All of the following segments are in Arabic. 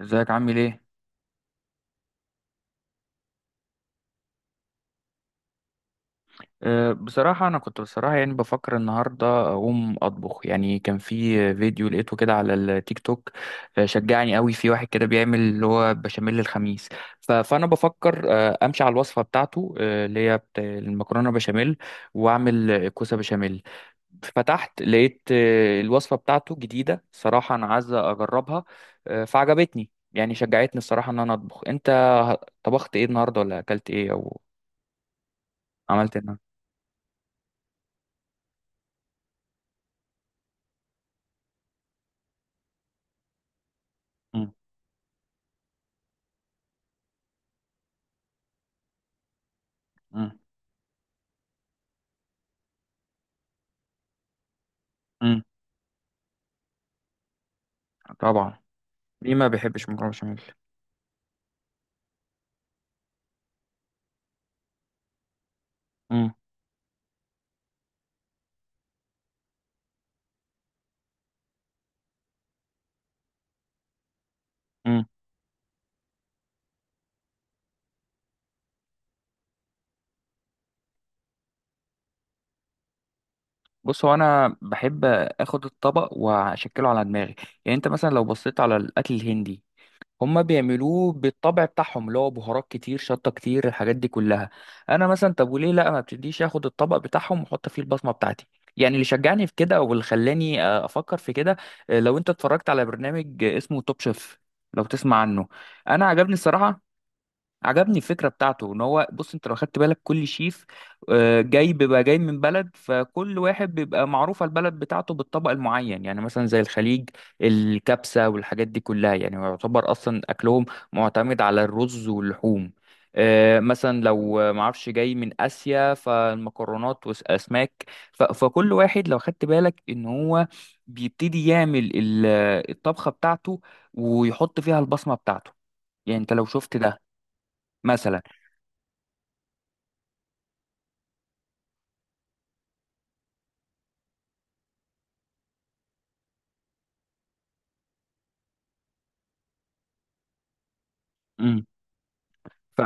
ازيك؟ عامل ايه؟ بصراحة أنا كنت بصراحة يعني بفكر النهاردة أقوم أطبخ. يعني كان في فيديو لقيته كده على التيك توك. شجعني قوي في واحد كده بيعمل اللي هو بشاميل الخميس. فأنا بفكر أمشي على الوصفة بتاعته. اللي هي المكرونة بشاميل، وأعمل كوسة بشاميل. فتحت لقيت الوصفة بتاعته جديدة، صراحة أنا عايز أجربها. فعجبتني، يعني شجعتني الصراحة إن أنا أطبخ. أنت طبخت إيه النهاردة، ولا أكلت إيه أو عملت إيه النهاردة؟ مم. مم. طبعا. مين ما بيحبش مكرونه بشاميل؟ مم. مم. بص، هو انا بحب اخد الطبق واشكله على دماغي. يعني انت مثلا لو بصيت على الاكل الهندي، هما بيعملوه بالطبع بتاعهم، اللي هو بهارات كتير، شطه كتير، الحاجات دي كلها. انا مثلا طب وليه لا، ما بتديش اخد الطبق بتاعهم واحط فيه البصمه بتاعتي؟ يعني اللي شجعني في كده واللي خلاني افكر في كده. لو انت اتفرجت على برنامج اسمه توب شيف، لو تسمع عنه. انا عجبني الصراحه، عجبني الفكرة بتاعته ان هو، بص، انت لو خدت بالك كل شيف جاي، بيبقى جاي من بلد. فكل واحد بيبقى معروفة البلد بتاعته بالطبق المعين. يعني مثلا زي الخليج، الكبسة والحاجات دي كلها. يعني يعتبر اصلا اكلهم معتمد على الرز واللحوم. مثلا لو معرفش جاي من اسيا فالمكرونات والاسماك. فكل واحد لو خدت بالك ان هو بيبتدي يعمل الطبخة بتاعته ويحط فيها البصمة بتاعته. يعني انت لو شفت ده مثلا. امم. ف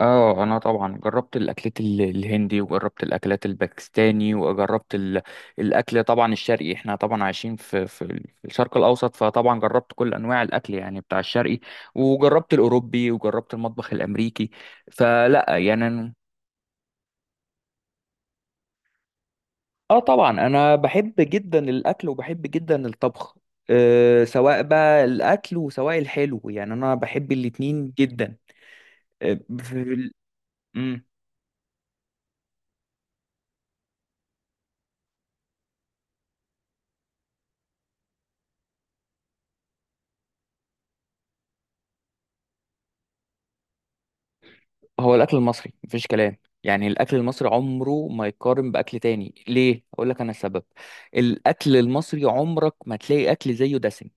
اه انا طبعا جربت الاكلات الهندي، وجربت الاكلات الباكستاني، وجربت الاكل طبعا الشرقي. احنا طبعا عايشين في في الشرق الاوسط، فطبعا جربت كل انواع الاكل يعني بتاع الشرقي. وجربت الاوروبي وجربت المطبخ الامريكي. فلا يعني اه طبعا انا بحب جدا الاكل وبحب جدا الطبخ. أه سواء بقى الاكل وسواء الحلو، يعني انا بحب الاتنين جدا. أه، في... هو الاكل المصري مفيش كلام. يعني الاكل المصري عمره ما يقارن باكل تاني. ليه؟ اقول لك انا السبب. الاكل المصري عمرك ما تلاقي اكل زيه دسم.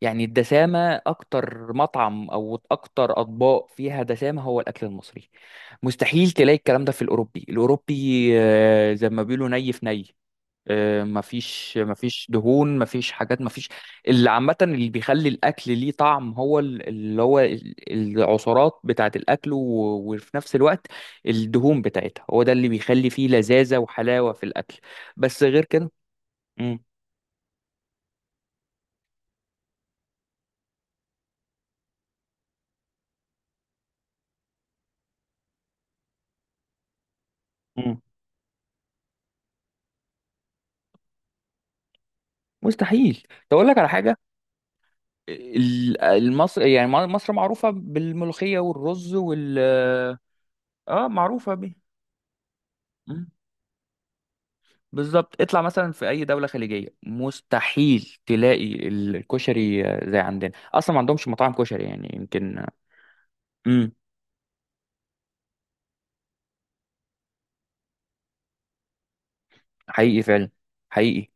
يعني الدسامه، اكتر مطعم او اكتر اطباق فيها دسامه هو الاكل المصري. مستحيل تلاقي الكلام ده في الاوروبي، زي ما بيقولوا ني في ني. مفيش دهون، مفيش حاجات، مفيش. اللي عامة اللي بيخلي الأكل ليه طعم هو العصارات بتاعة الأكل، وفي نفس الوقت الدهون بتاعتها، هو ده اللي بيخلي فيه لذاذة وحلاوة في الأكل. بس غير كده. مم. مم. مستحيل. تقول لك على حاجة. المصر، يعني مصر معروفة بالملوخية والرز وال، اه معروفة بيه. بالظبط. اطلع مثلا في اي دوله خليجيه مستحيل تلاقي الكشري زي عندنا، اصلا ما عندهمش مطاعم كشري، يعني يمكن. امم. حقيقي فعلا. حقيقي.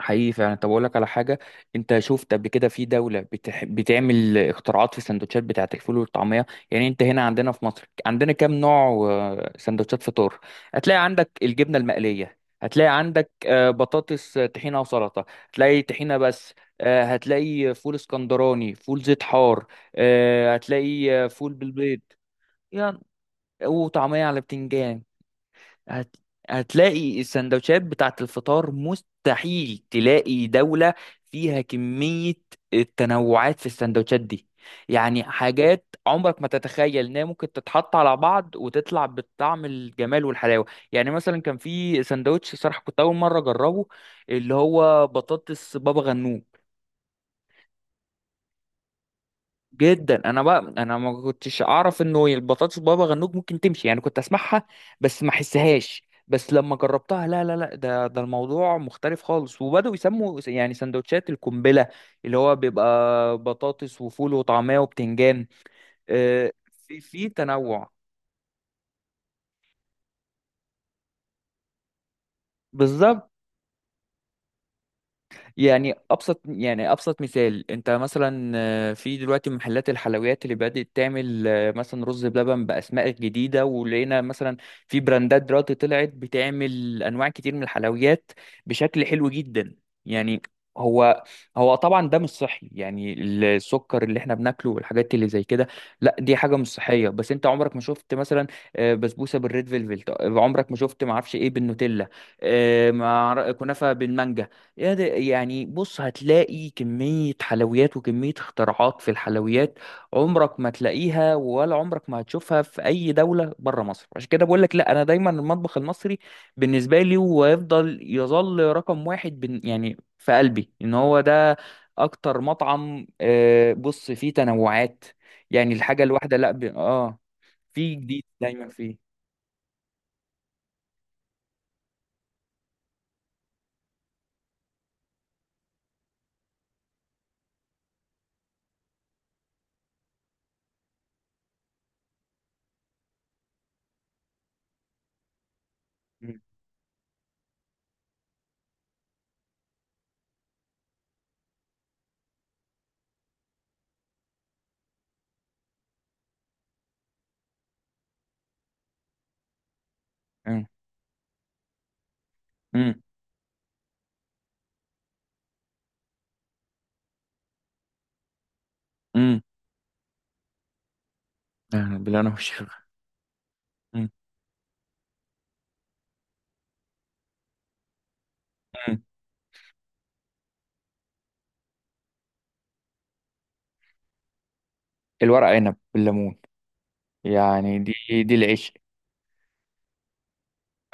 حقيقي فعلا. طب اقول لك على حاجه، انت شفت قبل كده في دوله بتعمل اختراعات في السندوتشات بتاعت الفول والطعميه؟ يعني انت هنا عندنا في مصر عندنا كام نوع سندوتشات فطار. هتلاقي عندك الجبنه المقليه، هتلاقي عندك بطاطس، طحينه وسلطه، هتلاقي طحينه بس، هتلاقي فول اسكندراني، فول زيت حار، هتلاقي فول بالبيض، يعني، وطعميه على بتنجان. هت... هتلاقي السندوتشات بتاعت الفطار. مستحيل تلاقي دولة فيها كمية التنوعات في السندوتشات دي. يعني حاجات عمرك ما تتخيل انها ممكن تتحط على بعض وتطلع بالطعم الجمال والحلاوة. يعني مثلا كان في سندوتش، صراحة كنت اول مرة اجربه، اللي هو بطاطس بابا غنوج. جدا انا بقى، انا ما كنتش اعرف انه البطاطس بابا غنوج ممكن تمشي، يعني كنت اسمعها بس ما احسهاش. بس لما جربتها، لا لا لا، ده الموضوع مختلف خالص. وبدأوا يسموا يعني سندوتشات القنبلة، اللي هو بيبقى بطاطس وفول وطعمية وبتنجان. آه، في تنوع. بالظبط. يعني ابسط، يعني ابسط مثال، انت مثلا في دلوقتي محلات الحلويات اللي بدأت تعمل مثلا رز بلبن باسماء جديده. ولقينا مثلا في براندات دلوقتي طلعت بتعمل انواع كتير من الحلويات بشكل حلو جدا. يعني هو هو طبعا ده مش صحي، يعني السكر اللي احنا بناكله والحاجات اللي زي كده، لا دي حاجه مش صحيه. بس انت عمرك ما شفت مثلا بسبوسه بالريد فيلفل؟ عمرك ما شفت ما اعرفش ايه بالنوتيلا، مع كنافه بالمانجا؟ يعني بص، هتلاقي كمية حلويات وكمية اختراعات في الحلويات عمرك ما تلاقيها، ولا عمرك ما هتشوفها في أي دولة بره مصر. عشان كده بقول لك لا، أنا دايما المطبخ المصري بالنسبة لي، ويفضل يظل رقم واحد بن يعني في قلبي، إن هو ده أكتر مطعم بص فيه تنوعات. يعني الحاجة الواحدة لا ب... آه في جديد دايما فيه. مم. مم. مم. مم. بالله أنا وشي. مم. مم. الورق عنب بالليمون، يعني دي، دي العشق.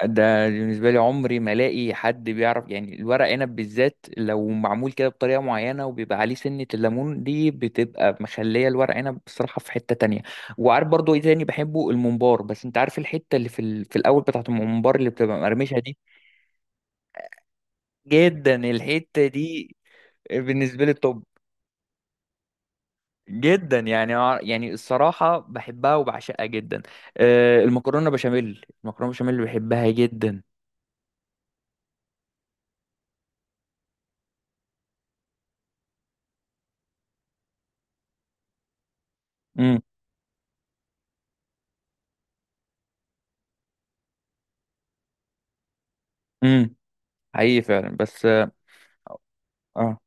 ده بالنسبة لي عمري ما الاقي حد بيعرف، يعني الورق عنب بالذات لو معمول كده بطريقة معينة وبيبقى عليه سنة الليمون دي، بتبقى مخلية الورق عنب بصراحة في حتة تانية. وعارف برضو ايه تاني بحبه؟ الممبار. بس انت عارف الحتة اللي في الاول بتاعة الممبار اللي بتبقى مقرمشة دي، جدا الحتة دي بالنسبة لي. طب جدا يعني يعني الصراحة بحبها وبعشقها جدا. المكرونة بشاميل، المكرونة بشاميل بحبها جدا. امم. حقيقي فعلا بس اه. آه.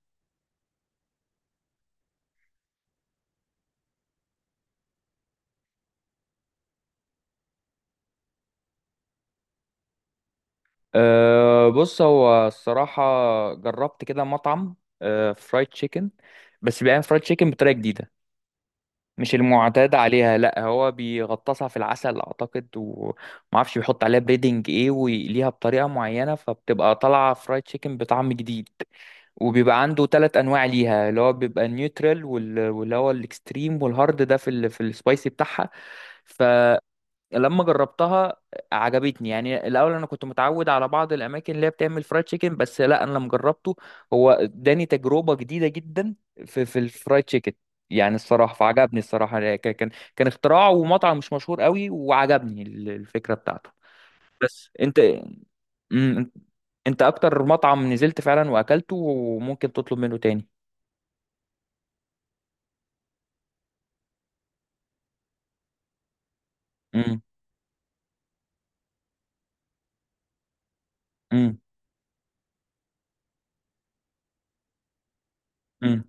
بص هو الصراحة جربت كده مطعم آه فرايد تشيكن، بس بيعمل فرايد تشيكن بطريقة جديدة، مش المعتاد عليها. لا هو بيغطسها في العسل اعتقد، ومعرفش بيحط عليها بريدنج ايه، ويقليها بطريقة معينة، فبتبقى طالعة فرايد تشيكن بطعم جديد. وبيبقى عنده ثلاث انواع ليها، اللي هو بيبقى النيوترال واللي هو الاكستريم والهارد، ده في السبايسي بتاعها. لما جربتها عجبتني. يعني الاول انا كنت متعود على بعض الاماكن اللي هي بتعمل فرايد تشيكن، بس لا انا لما جربته هو اداني تجربه جديده جدا في الفرايد تشيكن. يعني الصراحه فعجبني الصراحه، يعني كان اختراع، ومطعم مش مشهور قوي، وعجبني الفكره بتاعته. بس انت، مم، انت اكتر مطعم نزلت فعلا واكلته وممكن تطلب منه تاني؟ مم. مم. مم.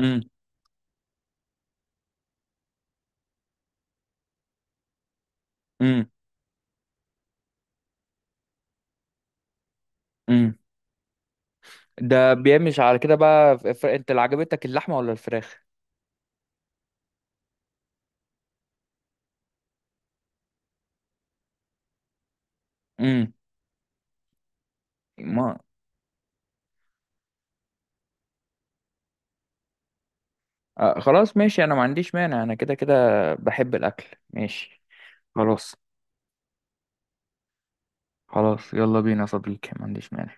مم. مم. مم. ده بيمشي على كده بقى. انت اللي عجبتك اللحمه ولا الفراخ؟ امم. ما آه خلاص ماشي، انا ما عنديش مانع، انا كده كده بحب الاكل. ماشي، خلاص. خلاص، يلا بينا يا صديقي، ما عنديش مانع.